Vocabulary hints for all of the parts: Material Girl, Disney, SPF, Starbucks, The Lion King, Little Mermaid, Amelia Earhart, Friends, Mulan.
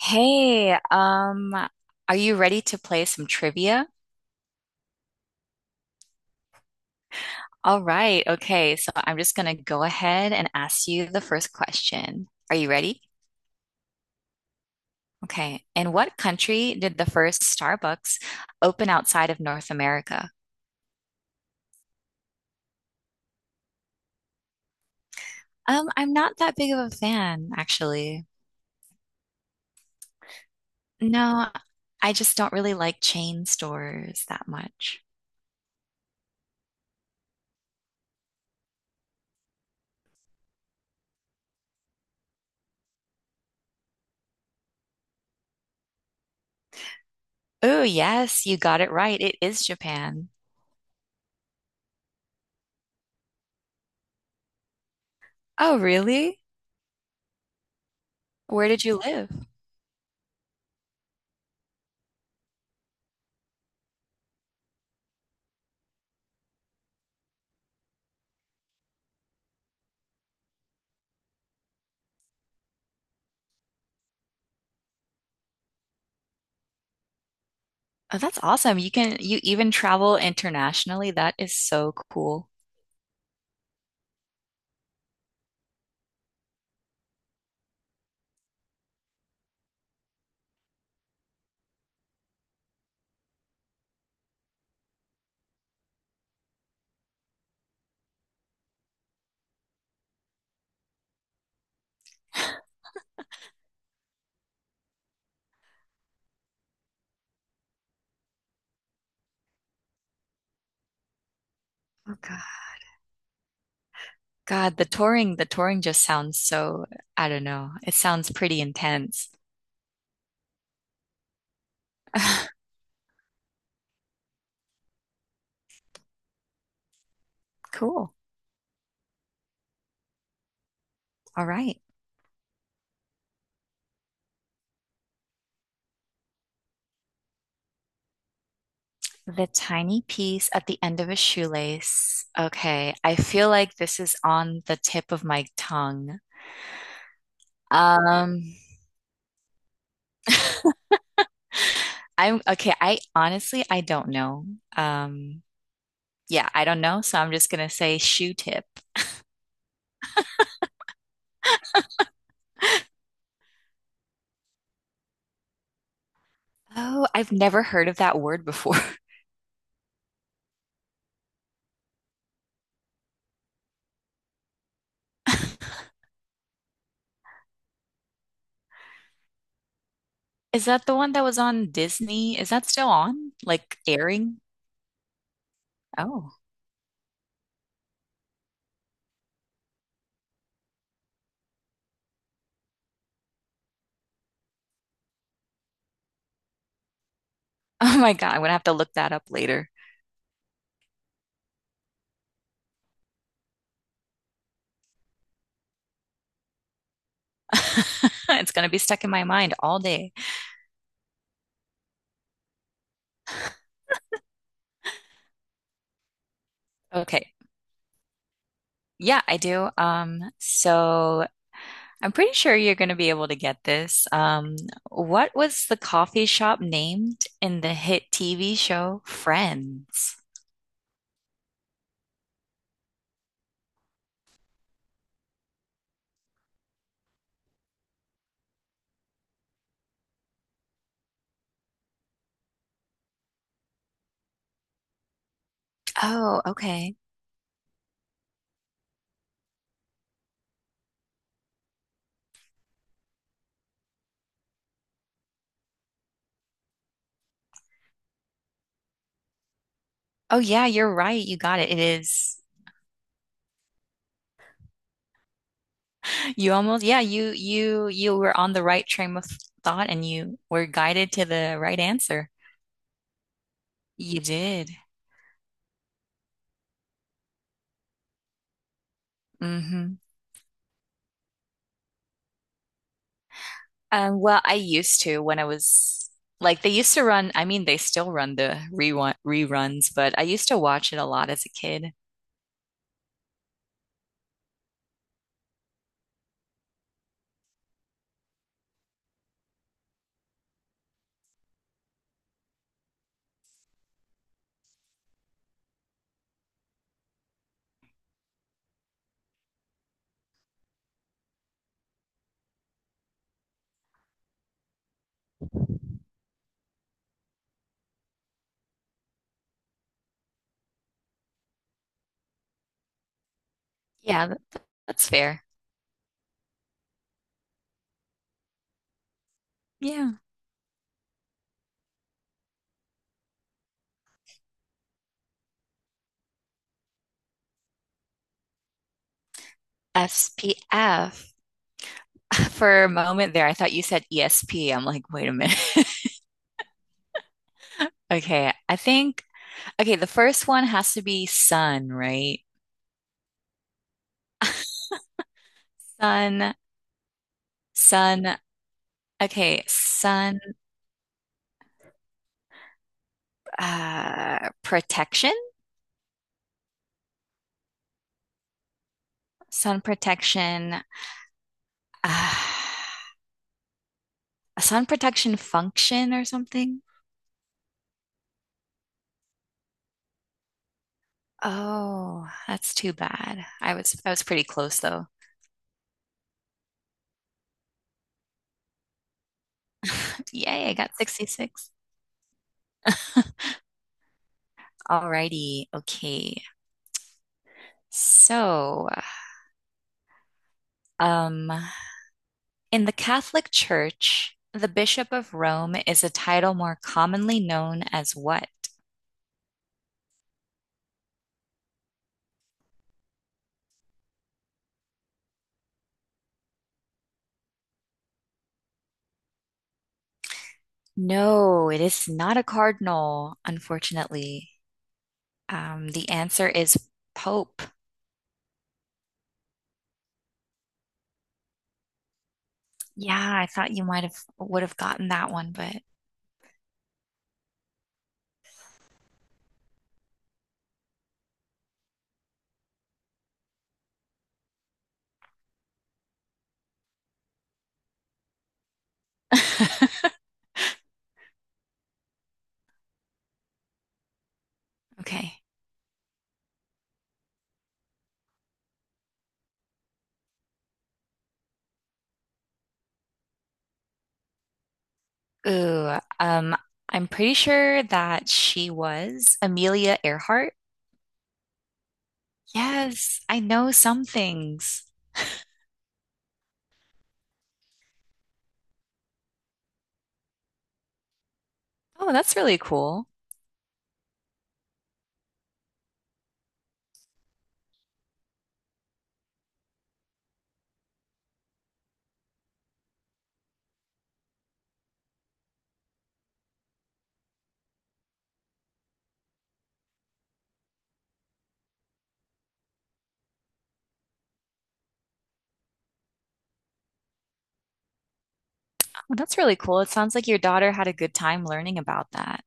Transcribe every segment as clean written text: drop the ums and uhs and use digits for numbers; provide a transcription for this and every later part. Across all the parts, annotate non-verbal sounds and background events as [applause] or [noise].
Hey, are you ready to play some trivia? All right, okay, so I'm just gonna go ahead and ask you the first question. Are you ready? Okay, in what country did the first Starbucks open outside of North America? I'm not that big of a fan, actually. No, I just don't really like chain stores that much. Oh, yes, you got it right. It is Japan. Oh, really? Where did you live? Oh, that's awesome. You can you even travel internationally. That is so cool. Oh God. God, the touring just sounds so, I don't know. It sounds pretty intense. [laughs] Cool. All right. The tiny piece at the end of a shoelace. Okay, I feel like this is on the tip of my tongue. Um, I'm okay, I honestly I don't know. Um, yeah, I don't know, so I'm just gonna say shoe tip. Oh, I've never heard of that word before. [laughs] Is that the one that was on Disney? Is that still on? Like airing? Oh. [laughs] Oh my God, I'm gonna have to look that up later. [laughs] It's gonna be stuck in my mind all day. Okay. Yeah, I do. So I'm pretty sure you're gonna be able to get this. What was the coffee shop named in the hit TV show Friends? Oh, okay. Oh yeah, you're right. You got it. It is. You almost, yeah, you were on the right train of thought and you were guided to the right answer. You did. Hmm. Well, I used to when I was like they used to run, I mean they still run the reruns, but I used to watch it a lot as a kid. Yeah, th- that's fair. Yeah. SPF. [laughs] For a moment there, I thought you said ESP. I'm like, wait a minute. [laughs] Okay, I think okay, the first one has to be sun, right? Sun, sun. Okay, sun protection, sun protection, uh, a sun protection function or something. Oh, that's too bad. I was pretty close though. Yay, I got 66. Alrighty, okay. So, um, in the Catholic Church, the Bishop of Rome is a title more commonly known as what? No, it is not a cardinal, unfortunately. The answer is Pope. Yeah, I thought you might have would have gotten that one, but [laughs] okay. Ooh, I'm pretty sure that she was Amelia Earhart. Yes, I know some things. Oh, that's really cool. Oh, that's really cool. It sounds like your daughter had a good time learning about that.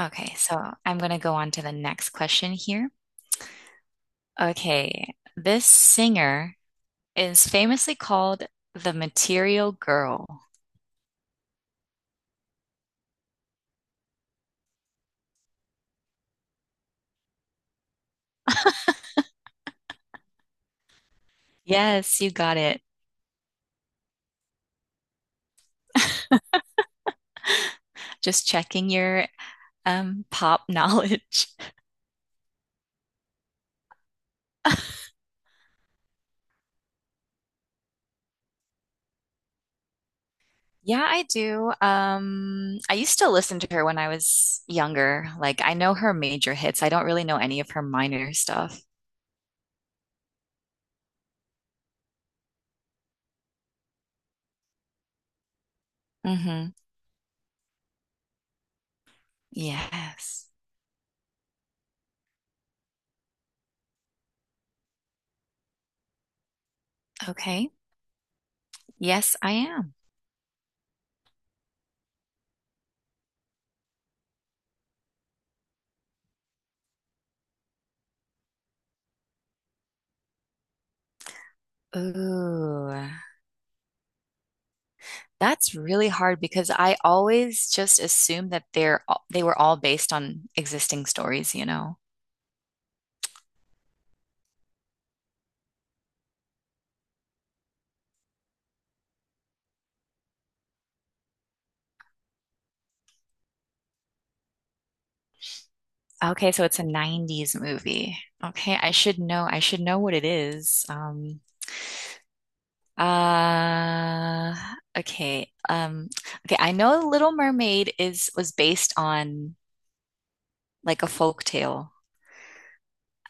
Okay, so I'm going to go on to the next question here. Okay, this singer is famously called the Material Girl. Yes, you got it. Just checking your pop knowledge. [laughs] Yeah, I do. I used to listen to her when I was younger. Like I know her major hits. I don't really know any of her minor stuff. Mm-hmm. Yes. Okay. Yes, I am. Ooh. That's really hard because I always just assume that they're all- they were all based on existing stories, you know. Okay, so it's a 90s movie. Okay, I should know. I should know what it is. Uh, okay. Okay, I know Little Mermaid is was based on like a folk tale.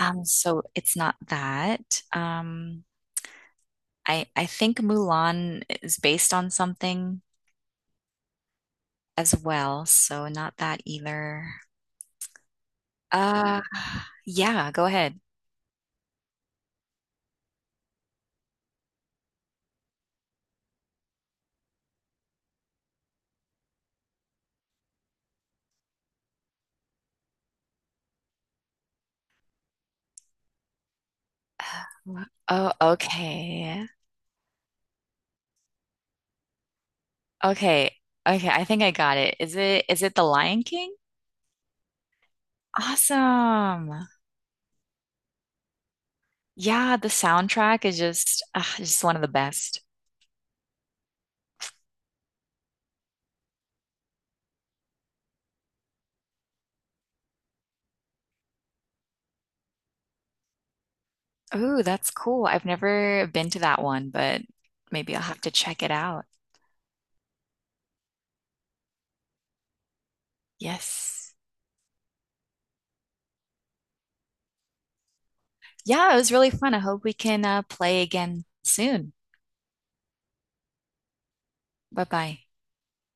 So it's not that. I think Mulan is based on something as well, so not that either. Uh, yeah, go ahead. [sighs] Oh, okay. Okay. Okay, I think I got it. Is it The Lion King? Awesome. Yeah, the soundtrack is just one of the best. Ooh, that's cool. I've never been to that one, but maybe I'll have to check it out. Yes. Yeah, it was really fun. I hope we can play again soon. Bye-bye.